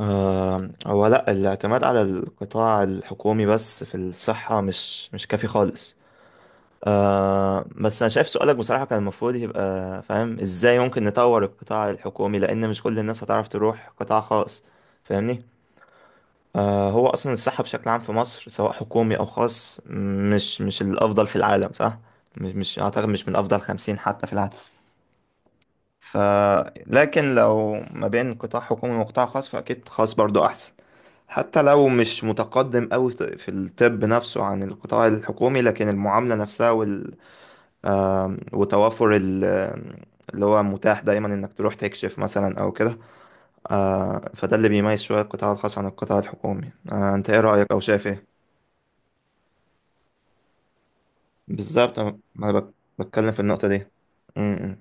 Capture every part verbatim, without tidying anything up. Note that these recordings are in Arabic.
آه، هو لا، الاعتماد على القطاع الحكومي بس في الصحة مش مش كافي خالص. آه، بس أنا شايف سؤالك بصراحة كان المفروض يبقى فاهم إزاي ممكن نطور القطاع الحكومي، لأن مش كل الناس هتعرف تروح قطاع خاص. فاهمني؟ آه، هو أصلا الصحة بشكل عام في مصر، سواء حكومي أو خاص، مش مش الأفضل في العالم، صح؟ مش مش أعتقد مش من أفضل خمسين حتى في العالم. ف لكن لو ما بين قطاع حكومي وقطاع خاص فأكيد خاص برضو أحسن. حتى لو مش متقدم أوي في الطب نفسه عن القطاع الحكومي، لكن المعاملة نفسها وال... آم، وتوافر ال... آم، اللي هو متاح دايما انك تروح تكشف مثلا او كده. آه فده اللي بيميز شوية القطاع الخاص عن القطاع الحكومي. آه انت ايه رأيك او شايف ايه؟ بالظبط، أنا- ما انا بك- بتكلم في النقطة دي. م- م-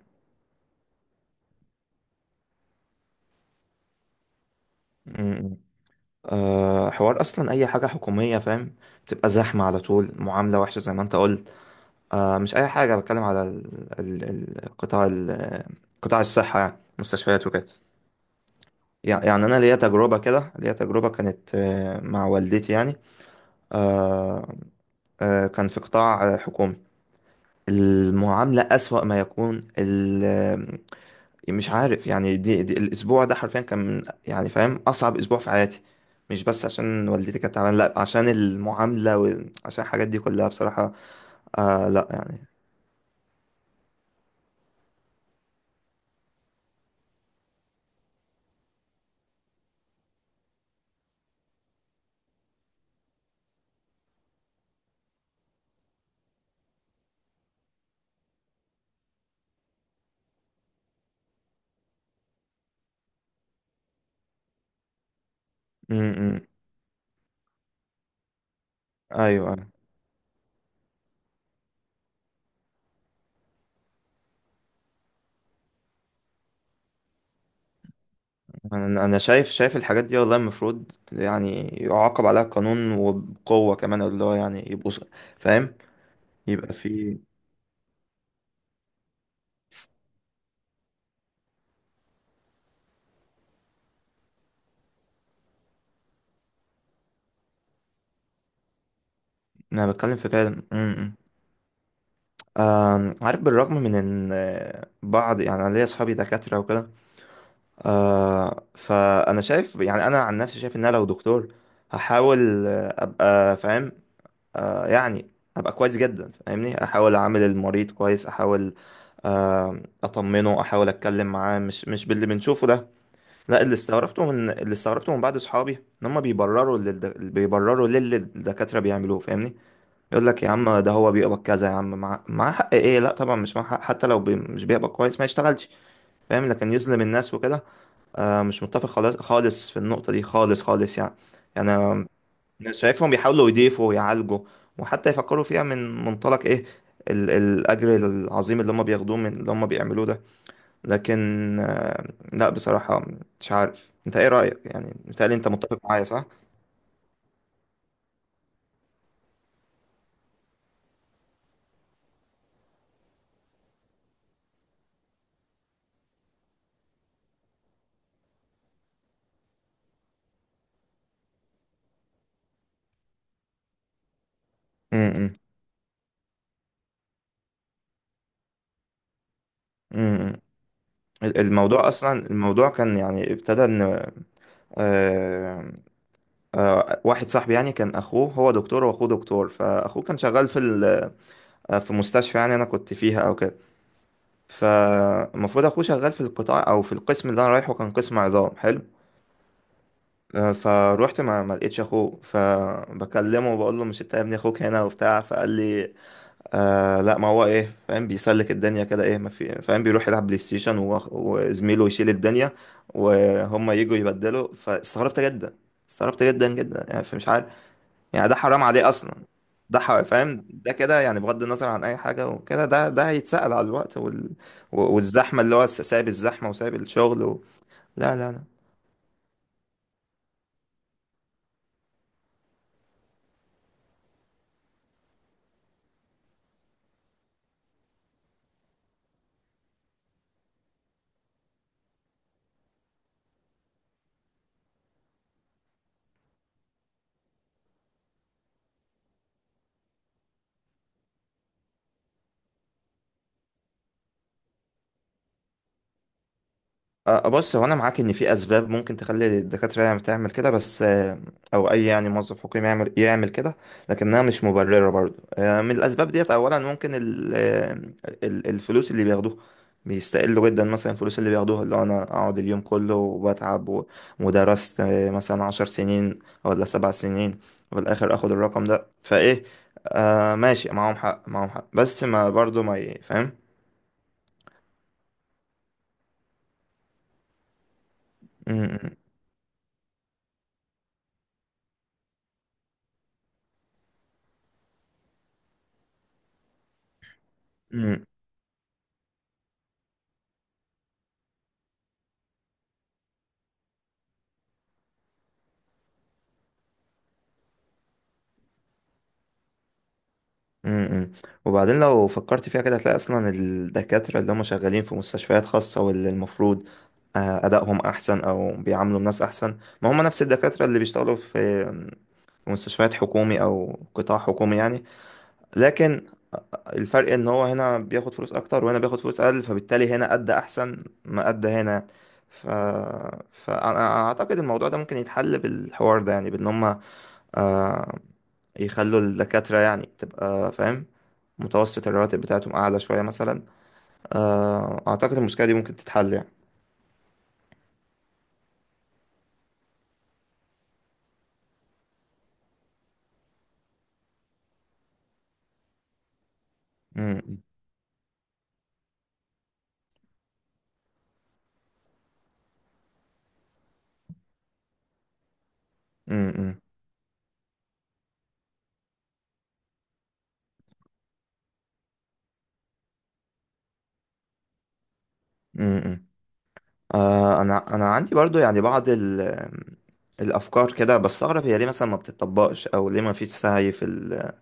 م- آه حوار، اصلا اي حاجة حكومية، فاهم؟ بتبقى زحمة على طول، معاملة وحشة زي ما انت قلت. آه مش أي حاجة، بتكلم على ال- ال- ال- قطاع ال- قطاع الصحة يعني مستشفيات وكده. يع- يعني أنا ليا تجربة كده، ليا تجربة كانت آه، مع والدتي يعني. آه آه كان في قطاع آه، حكومي. المعاملة أسوأ ما يكون ال- مش عارف يعني، دي, دي الأسبوع ده حرفيا كان من- يعني فاهم، أصعب أسبوع في حياتي. مش بس عشان والدتي كانت تعبانة، لأ، عشان المعاملة وعشان الحاجات دي كلها بصراحة. آه لأ يعني. م -م. أيوه. انا انا شايف شايف الحاجات دي، والله المفروض يعني يعاقب عليها القانون، وبقوه كمان، اللي هو يعني يبقوا ص- فاهم؟ يبقى في. انا بتكلم في كده. م- م. آم، عارف، بالرغم من ان آه، بعض يعني، انا ليا اصحابي دكاتره وكده. آه، فانا شايف يعني، انا عن نفسي شايف ان انا لو دكتور هحاول آه، ابقى فاهم، آه، يعني ابقى كويس جدا فاهمني، احاول اعامل المريض كويس، احاول آم، اطمنه، احاول اتكلم معاه، مش مش باللي بنشوفه ده. لا، اللي استغربته من اللي استغربته من بعض اصحابي ان هم بيبرروا للد... بيبرروا للي الدكاتره بيعملوه، فاهمني. يقول لك يا عم ده هو بيقبض كذا، يا عم مع مع حق، ايه لا طبعا مش مع حق، حتى لو بي... مش بيقبض كويس ما يشتغلش. فاهم. لكن يظلم الناس وكده. آه مش متفق خالص خالص في النقطه دي، خالص خالص يعني. يعني، أنا شايفهم بيحاولوا يضيفوا ويعالجوا، وحتى يفكروا فيها من منطلق ايه، ال... الاجر العظيم اللي هم بياخدوه من اللي هم بيعملوه ده. لكن آه، لا بصراحة، مش عارف انت ايه رأيك، يعني متهيألي انت متفق معايا صح؟ امم امم الموضوع اصلا، الموضوع كان يعني ابتدى ان آه، آه، واحد صاحبي يعني، كان اخوه هو دكتور، واخوه دكتور، فاخوه كان شغال في ال- آه، في مستشفى، يعني انا كنت فيها او كده. فالمفروض اخوه شغال في القطاع او في القسم اللي انا رايحه، كان قسم عظام. حلو. آه، فروحت ما ما لقيتش اخوه، فبكلمه وبقول له: مش انت يا ابني اخوك هنا وبتاع؟ فقال لي آه لا، ما هو ايه فاهم، بيسلك الدنيا كده، ايه ما في فاهم، بيروح يلعب بلاي ستيشن و- وزميله يشيل الدنيا، وهم يجوا يبدلوا. فاستغربت جدا، استغربت جدا جدا يعني، فمش عارف. يعني ده حرام عليه اصلا. ده ح- فاهم ده كده يعني، بغض النظر عن اي حاجه وكده، ده ده هيتسأل على الوقت وال... و- والزحمه، اللي هو س- سايب الزحمه وسايب الشغل و... لا لا لا. آه، بص، هو انا معاك ان في اسباب ممكن تخلي الدكاتره يعني تعمل كده، بس آه، او اي يعني موظف حكومي يعمل يعمل كده. لكنها مش مبرره برضو. آه، من الاسباب ديت، اولا ممكن ال- آه، ال- الفلوس اللي بياخدوها، بيستقلوا جدا مثلا الفلوس اللي بياخدوها، اللي هو انا اقعد اليوم كله وبتعب و- ودرست آه، مثلا عشر سنين ولا سبع سنين، وفي الاخر اخد الرقم ده؟ فايه؟ آه ماشي، معاهم حق معاهم حق، بس ما برضو ما ي- فاهم؟ م- م- امم وبعدين لو فكرت فيها كده هتلاقي اصلا الدكاترة اللي هم شغالين في مستشفيات خاصة واللي المفروض آه، ادائهم احسن او بيعاملوا الناس احسن، ما هم نفس الدكاترة اللي بيشتغلوا في في مستشفيات حكومي او قطاع حكومي يعني. لكن الفرق ان هو هنا بياخد فلوس اكتر وهنا بياخد فلوس اقل، فبالتالي هنا ادى احسن ما ادى هنا. ف... فانا اعتقد الموضوع ده ممكن يتحل بالحوار ده، يعني بان هم آه، يخلوا الدكاترة يعني تبقى فاهم، متوسط الرواتب بتاعتهم أعلى شوية مثلا. آه، أعتقد المشكلة دي ممكن تتحل يعني. م- م- م- م- م. آه، أنا أنا عندي برضو يعني بعض ال- الأفكار كده، بستغرب هي ليه مثلا ما بتطبقش، أو ليه ما فيش سعي في ال-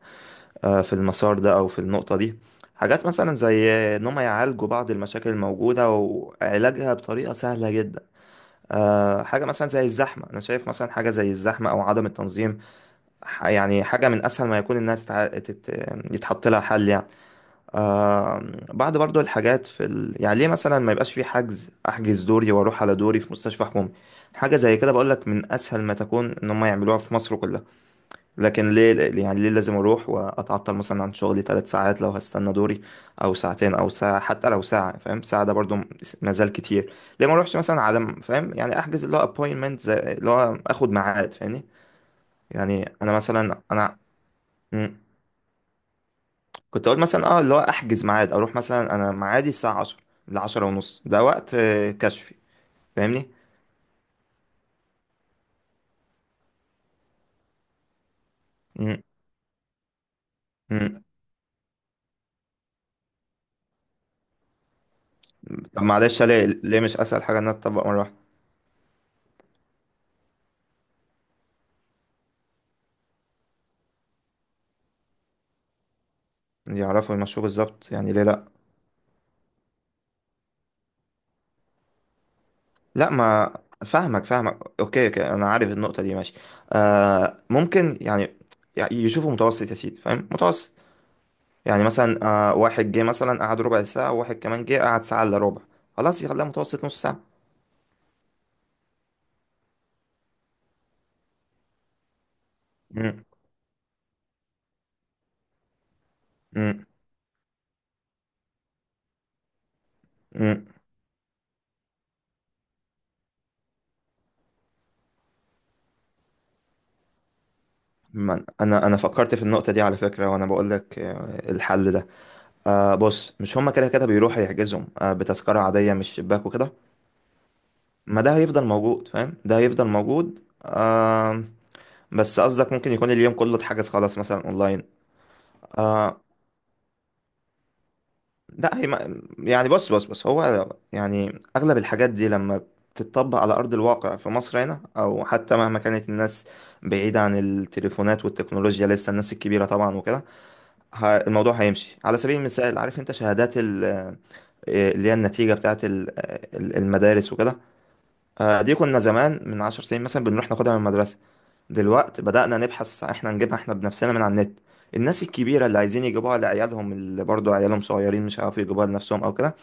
آه، في المسار ده أو في النقطة دي. حاجات مثلا زي إن هم يعالجوا بعض المشاكل الموجودة وعلاجها بطريقة سهلة جدا. آه، حاجة مثلا زي الزحمة، أنا شايف مثلا حاجة زي الزحمة أو عدم التنظيم. ح- يعني حاجة من أسهل ما يكون إنها تتع... تت... يتحط لها حل يعني. آه بعد برضو الحاجات في ال... يعني ليه مثلا ما يبقاش في حجز؟ أحجز دوري وأروح على دوري في مستشفى حكومي، حاجة زي كده بقولك من أسهل ما تكون إن هم يعملوها في مصر كلها. لكن ليه؟ يعني ليه لازم أروح وأتعطل مثلا عن شغلي ثلاث ساعات لو هستنى دوري؟ أو ساعتين أو ساعة، حتى لو ساعة فاهم، ساعة ده برضو مازال كتير. ليه ما أروحش مثلا على فاهم، يعني أحجز اللي هو أبوينتمنت، زي اللي هو آخد ميعاد، فاهمني؟ يعني أنا مثلا، أنا كنت اقول مثلا اه اللي هو احجز ميعاد، اروح مثلا، انا ميعادي الساعه عشرة ل 10 ونص، ده وقت آه، كشفي، فاهمني؟ مم. مم. طب معلش، ليه ليه مش اسهل حاجه ان أنا اطبق مره واحده؟ يعرفوا يمشوه بالظبط، يعني ليه لا؟ لا ما، فاهمك فاهمك، اوكي اوكي، انا عارف النقطه دي، ماشي. آه ممكن يعني، يعني يشوفوا متوسط يا سيدي، فاهم؟ متوسط. يعني مثلا، آه واحد جه مثلا قعد ربع ساعه، وواحد كمان جه قعد ساعه الا ربع، خلاص يخليها متوسط نص ساعه. مم. مم. ما انا، انا فكرت في النقطه دي على فكره وانا بقول لك آه، الحل ده. آه بص، مش هما كده كده بيروحوا يحجزهم آه بتذكره عاديه مش شباك وكده؟ ما ده هيفضل موجود، فاهم، ده هيفضل موجود. آه بس قصدك ممكن يكون اليوم كله اتحجز خلاص مثلا اونلاين. آه لا هي ما يعني، بص بص بص، هو يعني اغلب الحاجات دي لما بتتطبق على ارض الواقع في مصر هنا، او حتى مهما كانت الناس بعيده عن التليفونات والتكنولوجيا لسه، الناس الكبيره طبعا وكده، ه- الموضوع هيمشي. على سبيل المثال، عارف انت شهادات ال- آه، اللي هي النتيجة بتاعت ال- آه، المدارس وكده، آه، دي كنا زمان من عشر سنين مثلا بنروح ناخدها من المدرسة. دلوقتي بدأنا نبحث احنا نجيبها احنا بنفسنا من على النت. الناس الكبيرة اللي عايزين يجيبوها لعيالهم، اللي برضو عيالهم صغيرين مش عارفين يجيبوها لنفسهم او كده،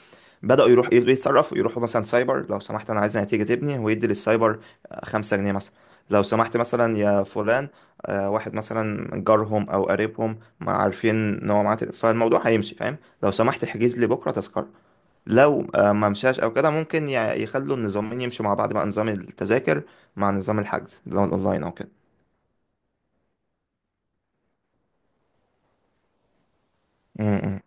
بدأوا يروح يتصرفوا، يروحوا مثلا سايبر: لو سمحت أنا عايز نتيجة تبني، ويدي للسايبر آه، خمسة جنيه مثلا. لو سمحت مثلا يا فلان، آه، واحد مثلا جارهم أو قريبهم ما عارفين إن هو معاه تل- فالموضوع هيمشي فاهم؟ لو سمحت احجز لي بكرة تذكرة. لو آه، ما مشاش أو كده ممكن ي- يخلوا النظامين يمشوا مع بعض، بقى نظام التذاكر مع نظام الحجز اللي هو الأونلاين أو كده. م- م-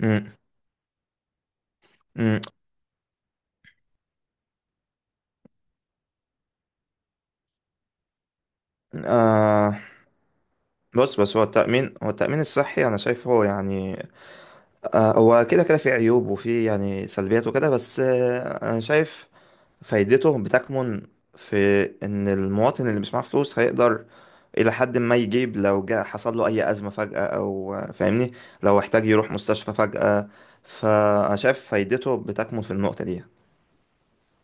م- م- آه، بص، بس هو التأمين هو التأمين الصحي أنا شايفه يعني، آه، هو كده كده في عيوب وفي يعني سلبيات وكده، بس آه، انا شايف فايدته بتكمن في ان المواطن اللي مش معاه فلوس هيقدر الى حد ما يجيب، لو جاء حصل له اي ازمة فجأة او آه، فاهمني. لو احتاج يروح مستشفى فجأة، فانا شايف فايدته بتكمن في النقطة دي.